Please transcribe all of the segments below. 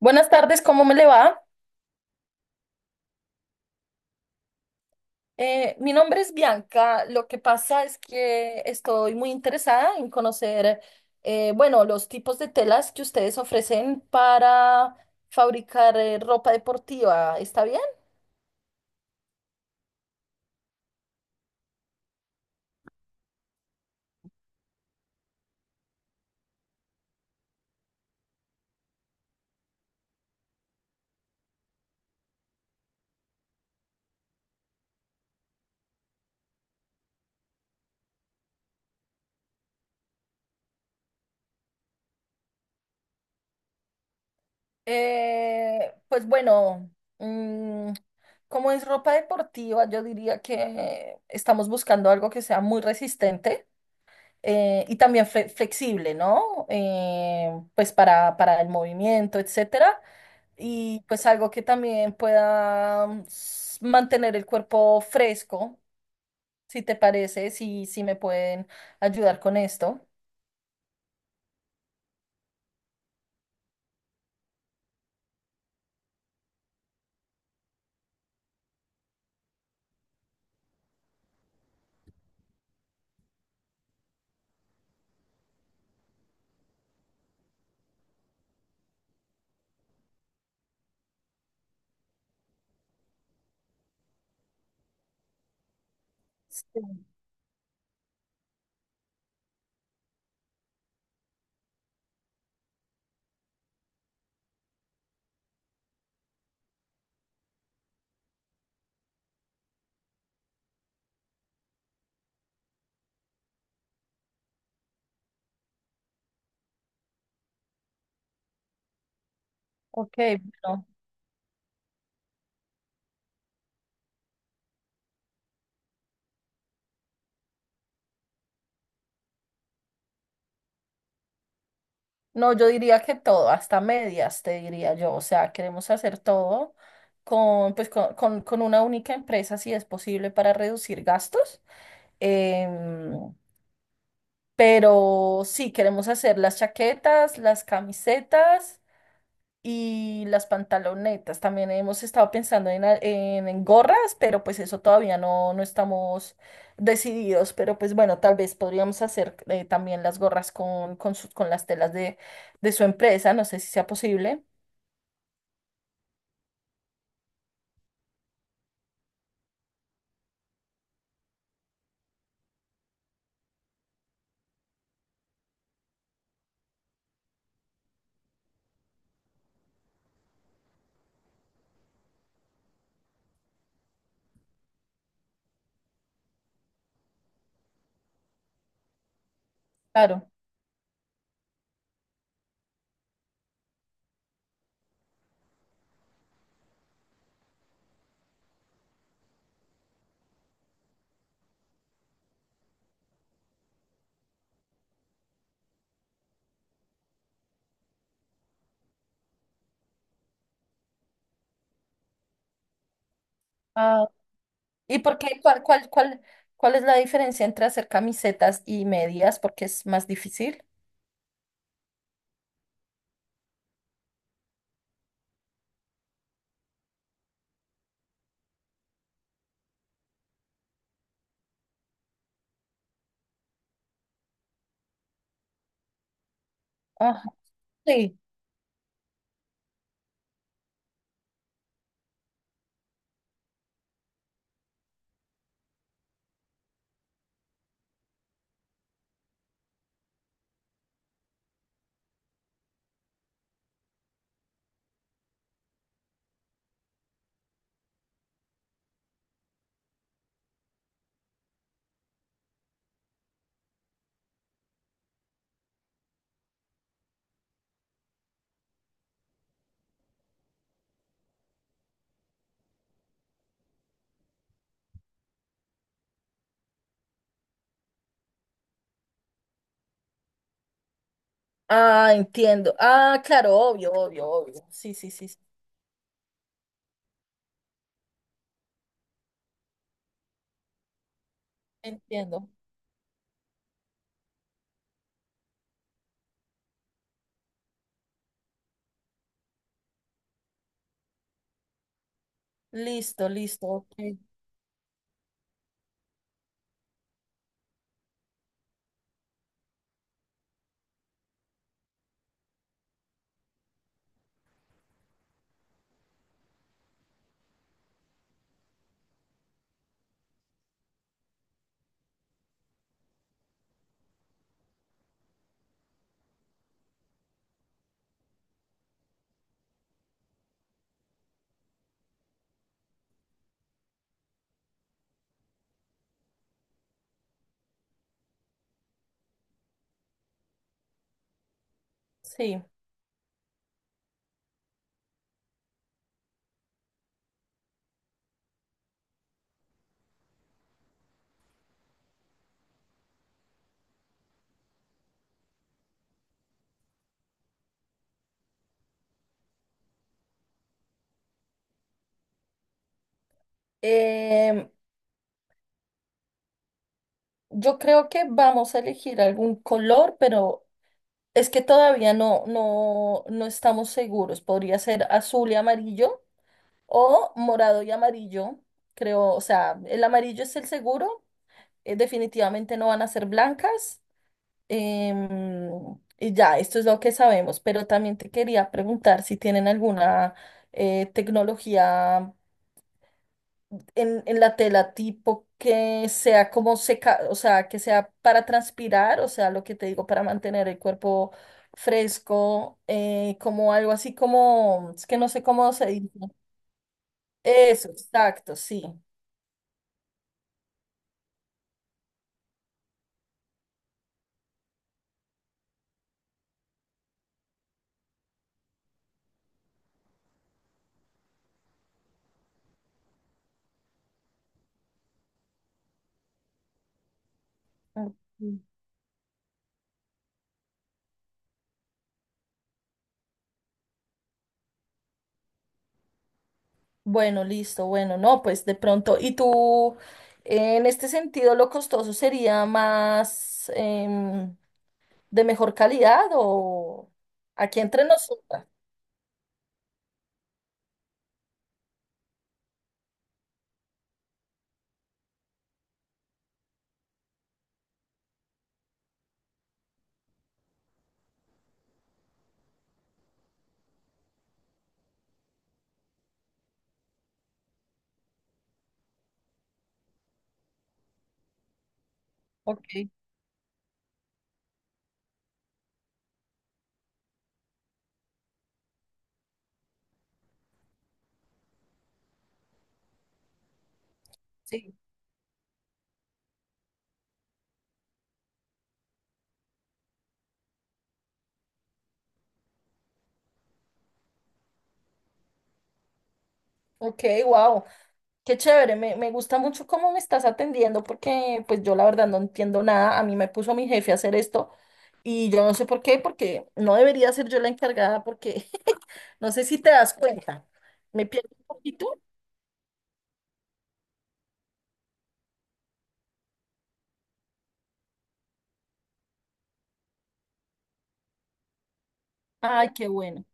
Buenas tardes, ¿cómo me le va? Mi nombre es Bianca. Lo que pasa es que estoy muy interesada en conocer, bueno, los tipos de telas que ustedes ofrecen para fabricar ropa deportiva. ¿Está bien? Pues bueno, mm, como es ropa deportiva, yo diría que estamos buscando algo que sea muy resistente y también flexible, ¿no? Pues para el movimiento, etcétera. Y pues algo que también pueda mantener el cuerpo fresco, si te parece, si me pueden ayudar con esto. Sí. Ok, bueno. No, yo diría que todo, hasta medias, te diría yo. O sea, queremos hacer todo con, pues, con una única empresa, si es posible, para reducir gastos. Em, pero sí, queremos hacer las chaquetas, las camisetas y las pantalonetas. También hemos estado pensando en gorras, pero pues eso todavía no, no estamos decididos. Pero pues bueno, tal vez podríamos hacer también las gorras con las telas de su empresa. No sé si sea posible. Claro. Ah, ¿y por qué? ¿Cuál es la diferencia entre hacer camisetas y medias? Porque es más difícil. Ajá, sí. Ah, entiendo. Ah, claro, obvio, obvio, obvio. Sí, sí, sí, sí. Entiendo. Listo, listo. Ok. Sí. Em, yo creo que vamos a elegir algún color, pero es que todavía no estamos seguros. Podría ser azul y amarillo o morado y amarillo. Creo, o sea, el amarillo es el seguro. Definitivamente no van a ser blancas. Y ya, esto es lo que sabemos. Pero también te quería preguntar si tienen alguna tecnología en la tela tipo que sea como seca, o sea, que sea para transpirar, o sea, lo que te digo, para mantener el cuerpo fresco, como algo así como, es que no sé cómo se dice. Eso, exacto, sí. Ok. Bueno, listo, bueno, no, pues de pronto, y tú, en este sentido, lo costoso sería más de mejor calidad o aquí entre nosotras. Ok, sí. Ok, wow. Qué chévere, me gusta mucho cómo me estás atendiendo porque pues yo la verdad no entiendo nada, a mí me puso mi jefe a hacer esto y yo no sé por qué, porque no debería ser yo la encargada porque no sé si te das cuenta, me pierdo un poquito. Ay, qué bueno.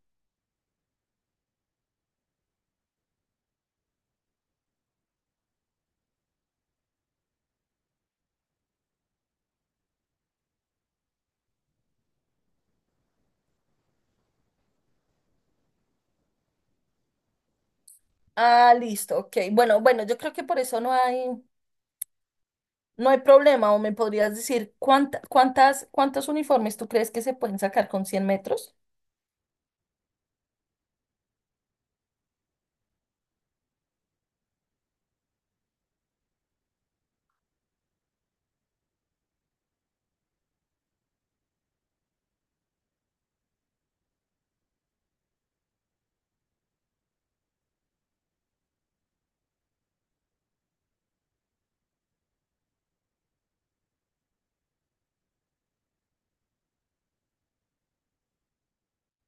Ah, listo, ok. Bueno, bueno, yo creo que por eso no hay. No hay problema, o me podrías decir ¿cuántos uniformes tú crees que se pueden sacar con 100 metros?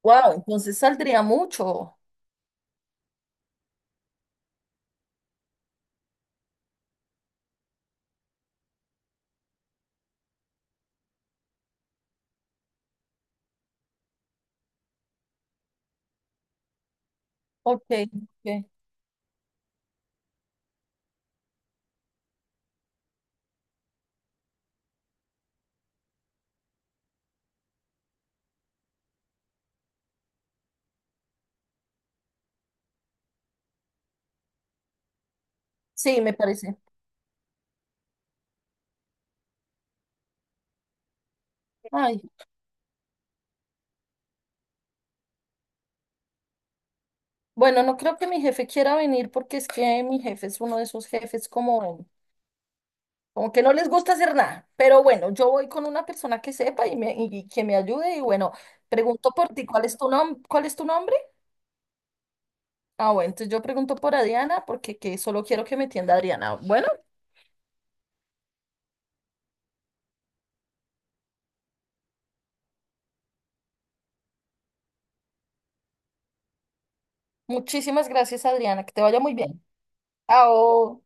Wow, entonces saldría mucho. Ok, ok. Sí, me parece. Ay, bueno, no creo que mi jefe quiera venir porque es que mi jefe es uno de esos jefes como. Como que no les gusta hacer nada. Pero bueno, yo voy con una persona que sepa y, me, y que me ayude. Y bueno, pregunto por ti, ¿cuál es tu nombre? Ah, bueno, entonces yo pregunto por Adriana porque que solo quiero que me entienda Adriana. Bueno, muchísimas gracias, Adriana. Que te vaya muy bien. Chao.